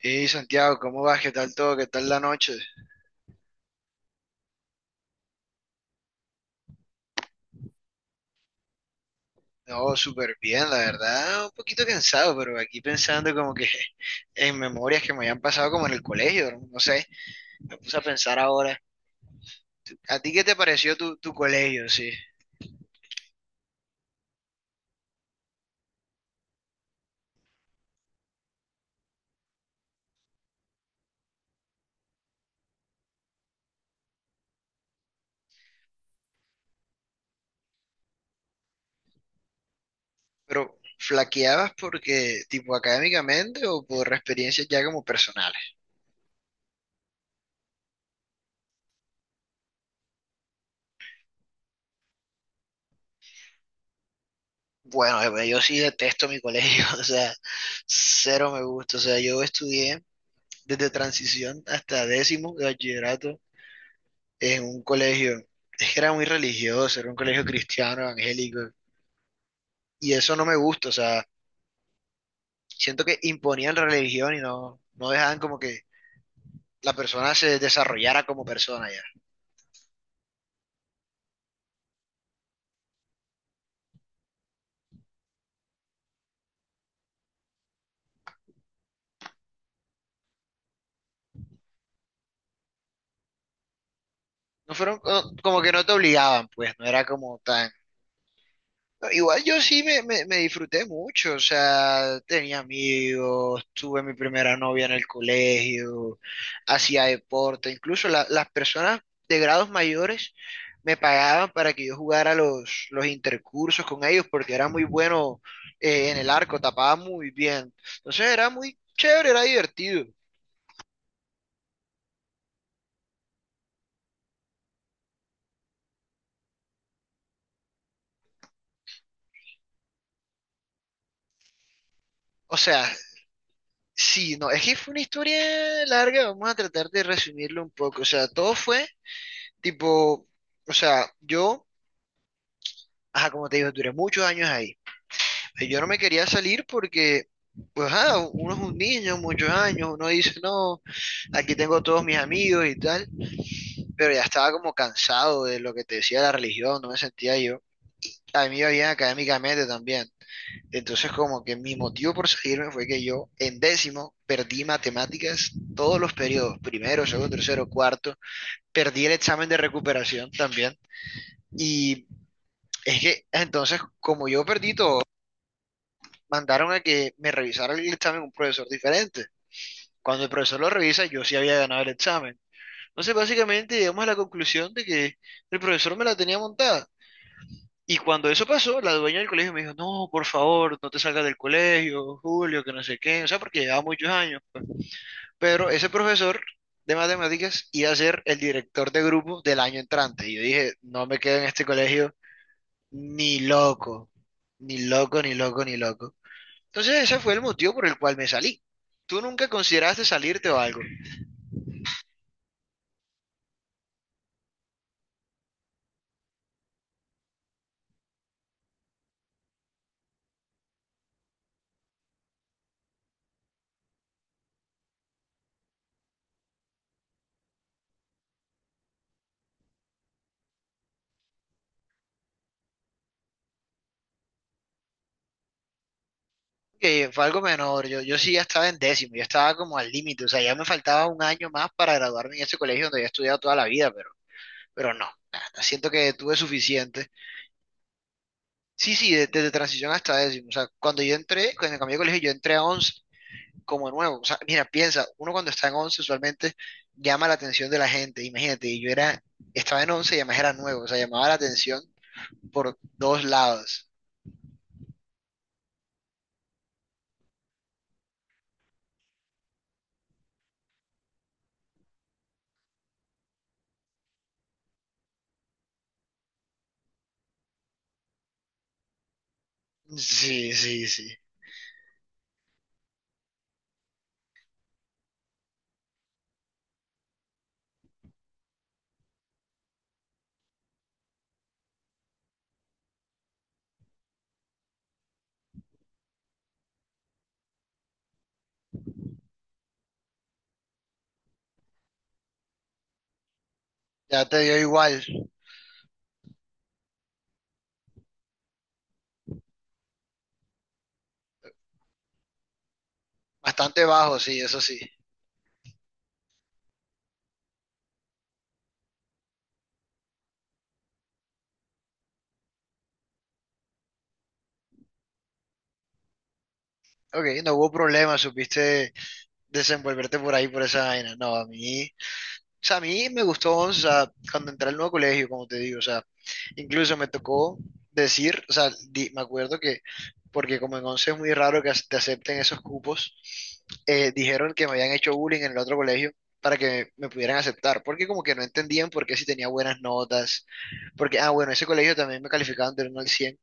Hey Santiago, ¿cómo vas? ¿Qué tal todo? ¿Qué tal la noche? No, súper bien, la verdad, un poquito cansado, pero aquí pensando como que en memorias que me habían pasado como en el colegio, no. No sé, me puse a pensar ahora. ¿A ti qué te pareció tu colegio? Sí, pero ¿flaqueabas porque tipo académicamente o por experiencias ya como personales? Bueno, yo sí detesto mi colegio, o sea, cero me gusta. O sea, yo estudié desde transición hasta décimo de bachillerato en un colegio. Es que era muy religioso, era un colegio cristiano, evangélico, y eso no me gusta. O sea, siento que imponían la religión y no, no dejaban como que la persona se desarrollara como persona ya. No fueron como que no te obligaban, pues, no era como tan. No, igual yo sí me disfruté mucho. O sea, tenía amigos, tuve mi primera novia en el colegio, hacía deporte, incluso las personas de grados mayores me pagaban para que yo jugara los intercursos con ellos porque era muy bueno en el arco, tapaba muy bien, entonces era muy chévere, era divertido. O sea, sí, no, es que fue una historia larga, vamos a tratar de resumirlo un poco. O sea, todo fue tipo, o sea, ajá, como te digo, duré muchos años ahí. Yo no me quería salir porque, pues, ajá, uno es un niño, muchos años, uno dice, no, aquí tengo todos mis amigos y tal, pero ya estaba como cansado de lo que te decía la religión, no me sentía yo. A mí me iba bien académicamente también. Entonces, como que mi motivo por salirme fue que yo en décimo perdí matemáticas todos los periodos, primero, segundo, tercero, cuarto, perdí el examen de recuperación también. Y es que entonces, como yo perdí todo, mandaron a que me revisara el examen un profesor diferente. Cuando el profesor lo revisa, yo sí había ganado el examen. Entonces, básicamente llegamos a la conclusión de que el profesor me la tenía montada. Y cuando eso pasó, la dueña del colegio me dijo, no, por favor, no te salgas del colegio, Julio, que no sé qué, o sea, porque llevaba muchos años, pues. Pero ese profesor de matemáticas iba a ser el director de grupo del año entrante. Y yo dije, no me quedo en este colegio ni loco, ni loco, ni loco, ni loco. Entonces ese fue el motivo por el cual me salí. ¿Tú nunca consideraste salirte o algo? Que fue algo menor. Yo sí ya estaba en décimo, ya estaba como al límite. O sea, ya me faltaba un año más para graduarme en este colegio donde había estudiado toda la vida, pero no. Nada, siento que tuve suficiente. Sí, sí, desde transición hasta décimo. O sea, cuando yo entré, cuando cambié de colegio, yo entré a once como nuevo. O sea, mira, piensa, uno cuando está en once usualmente llama la atención de la gente. Imagínate, y yo era, estaba en once y además era nuevo. O sea, llamaba la atención por dos lados. Sí, sí, sí. Ya te dio igual. Bastante bajo, sí, eso sí. Ok, no hubo problema, supiste desenvolverte por ahí, por esa vaina. No, a mí, o sea, a mí me gustó. O sea, cuando entré al nuevo colegio, como te digo, o sea, incluso me tocó decir, o sea, me acuerdo que, porque como en 11 es muy raro que te acepten esos cupos, dijeron que me habían hecho bullying en el otro colegio para que me pudieran aceptar, porque como que no entendían por qué si tenía buenas notas, porque, ah, bueno, ese colegio también me calificaban del 1 al 100.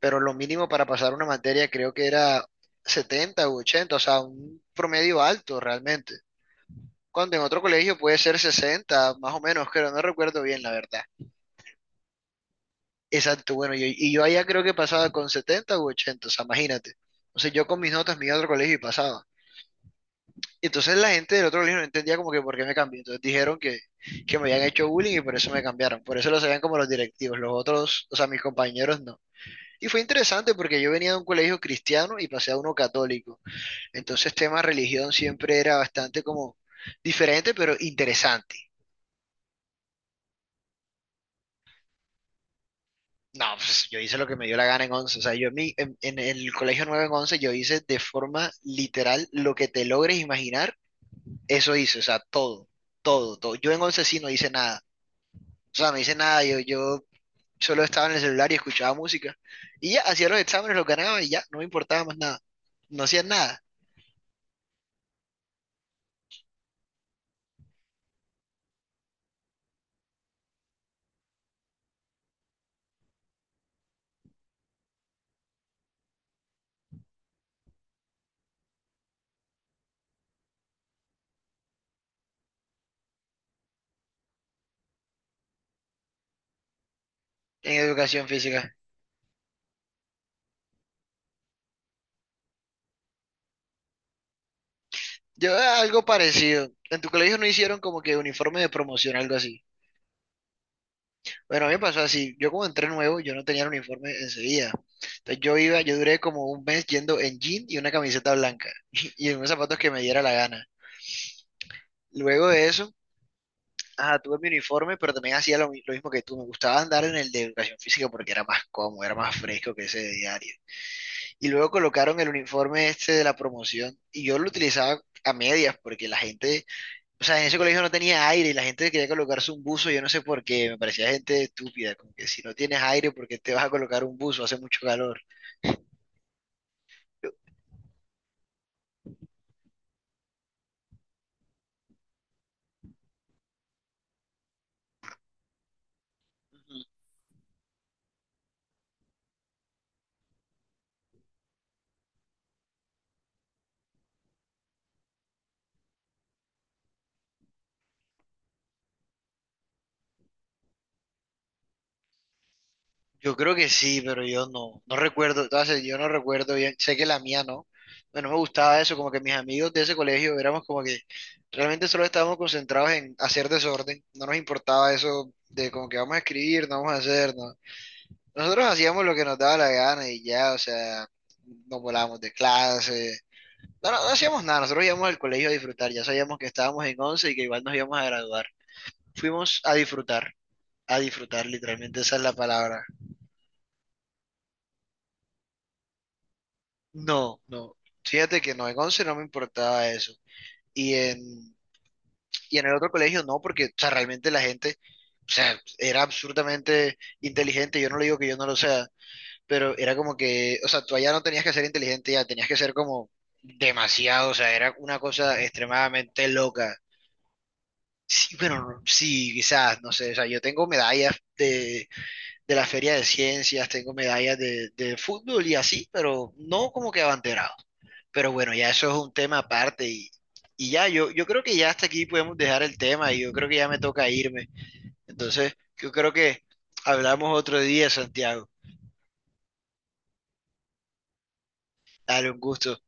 Pero lo mínimo para pasar una materia creo que era 70 u 80, o sea, un promedio alto realmente. Cuando en otro colegio puede ser 60 más o menos, creo, no recuerdo bien la verdad. Exacto, bueno, y yo allá creo que pasaba con 70 u ochenta, o sea, imagínate. O sea, yo con mis notas me iba a otro colegio y pasaba. Y entonces la gente del otro colegio no entendía como que por qué me cambié. Entonces dijeron que me habían hecho bullying y por eso me cambiaron. Por eso lo sabían como los directivos, los otros, o sea, mis compañeros no. Y fue interesante porque yo venía de un colegio cristiano y pasé a uno católico. Entonces, tema religión siempre era bastante como diferente, pero interesante. No, pues yo hice lo que me dio la gana en once. O sea, yo en el colegio 9 en 11 yo hice de forma literal lo que te logres imaginar, eso hice. O sea, todo, todo, todo. Yo en 11 sí no hice nada. O sea, no hice nada. Yo solo estaba en el celular y escuchaba música. Y ya, hacía los exámenes, los ganaba y ya, no me importaba más nada. No hacía nada en educación física. Algo parecido. En tu colegio no hicieron como que uniforme de promoción, algo así. Bueno, a mí me pasó así. Yo como entré nuevo, yo no tenía el uniforme enseguida. Entonces yo iba, yo duré como un mes yendo en jean y una camiseta blanca y en unos zapatos que me diera la gana. Luego de eso, ajá, tuve mi uniforme, pero también hacía lo mismo que tú. Me gustaba andar en el de educación física porque era más cómodo, era más fresco que ese de diario. Y luego colocaron el uniforme este de la promoción y yo lo utilizaba a medias porque la gente. O sea, en ese colegio no tenía aire y la gente quería colocarse un buzo, yo no sé por qué, me parecía gente estúpida, como que si no tienes aire, ¿por qué te vas a colocar un buzo? Hace mucho calor. Ujú. Yo creo que sí, pero yo no, no recuerdo, entonces yo no recuerdo bien, sé que la mía no, bueno, no me gustaba eso, como que mis amigos de ese colegio éramos como que realmente solo estábamos concentrados en hacer desorden, no nos importaba eso de como que vamos a escribir, no vamos a hacer, no. Nosotros hacíamos lo que nos daba la gana y ya, o sea, nos volábamos de clase. No, no, no hacíamos nada, nosotros íbamos al colegio a disfrutar, ya sabíamos que estábamos en 11 y que igual nos íbamos a graduar. Fuimos a disfrutar, literalmente esa es la palabra. No, no, fíjate que no, en 11 no me importaba eso. Y en, y en el otro colegio no, porque, o sea, realmente la gente, o sea, era absolutamente inteligente, yo no le digo que yo no lo sea, pero era como que, o sea, tú allá no tenías que ser inteligente, ya tenías que ser como demasiado, o sea, era una cosa extremadamente loca. Sí, bueno, sí, quizás, no sé, o sea, yo tengo medallas de la Feria de Ciencias, tengo medallas de fútbol y así, pero no como que abanderado. Pero bueno, ya eso es un tema aparte y ya, yo creo que ya hasta aquí podemos dejar el tema y yo creo que ya me toca irme. Entonces, yo creo que hablamos otro día, Santiago. Dale un gusto.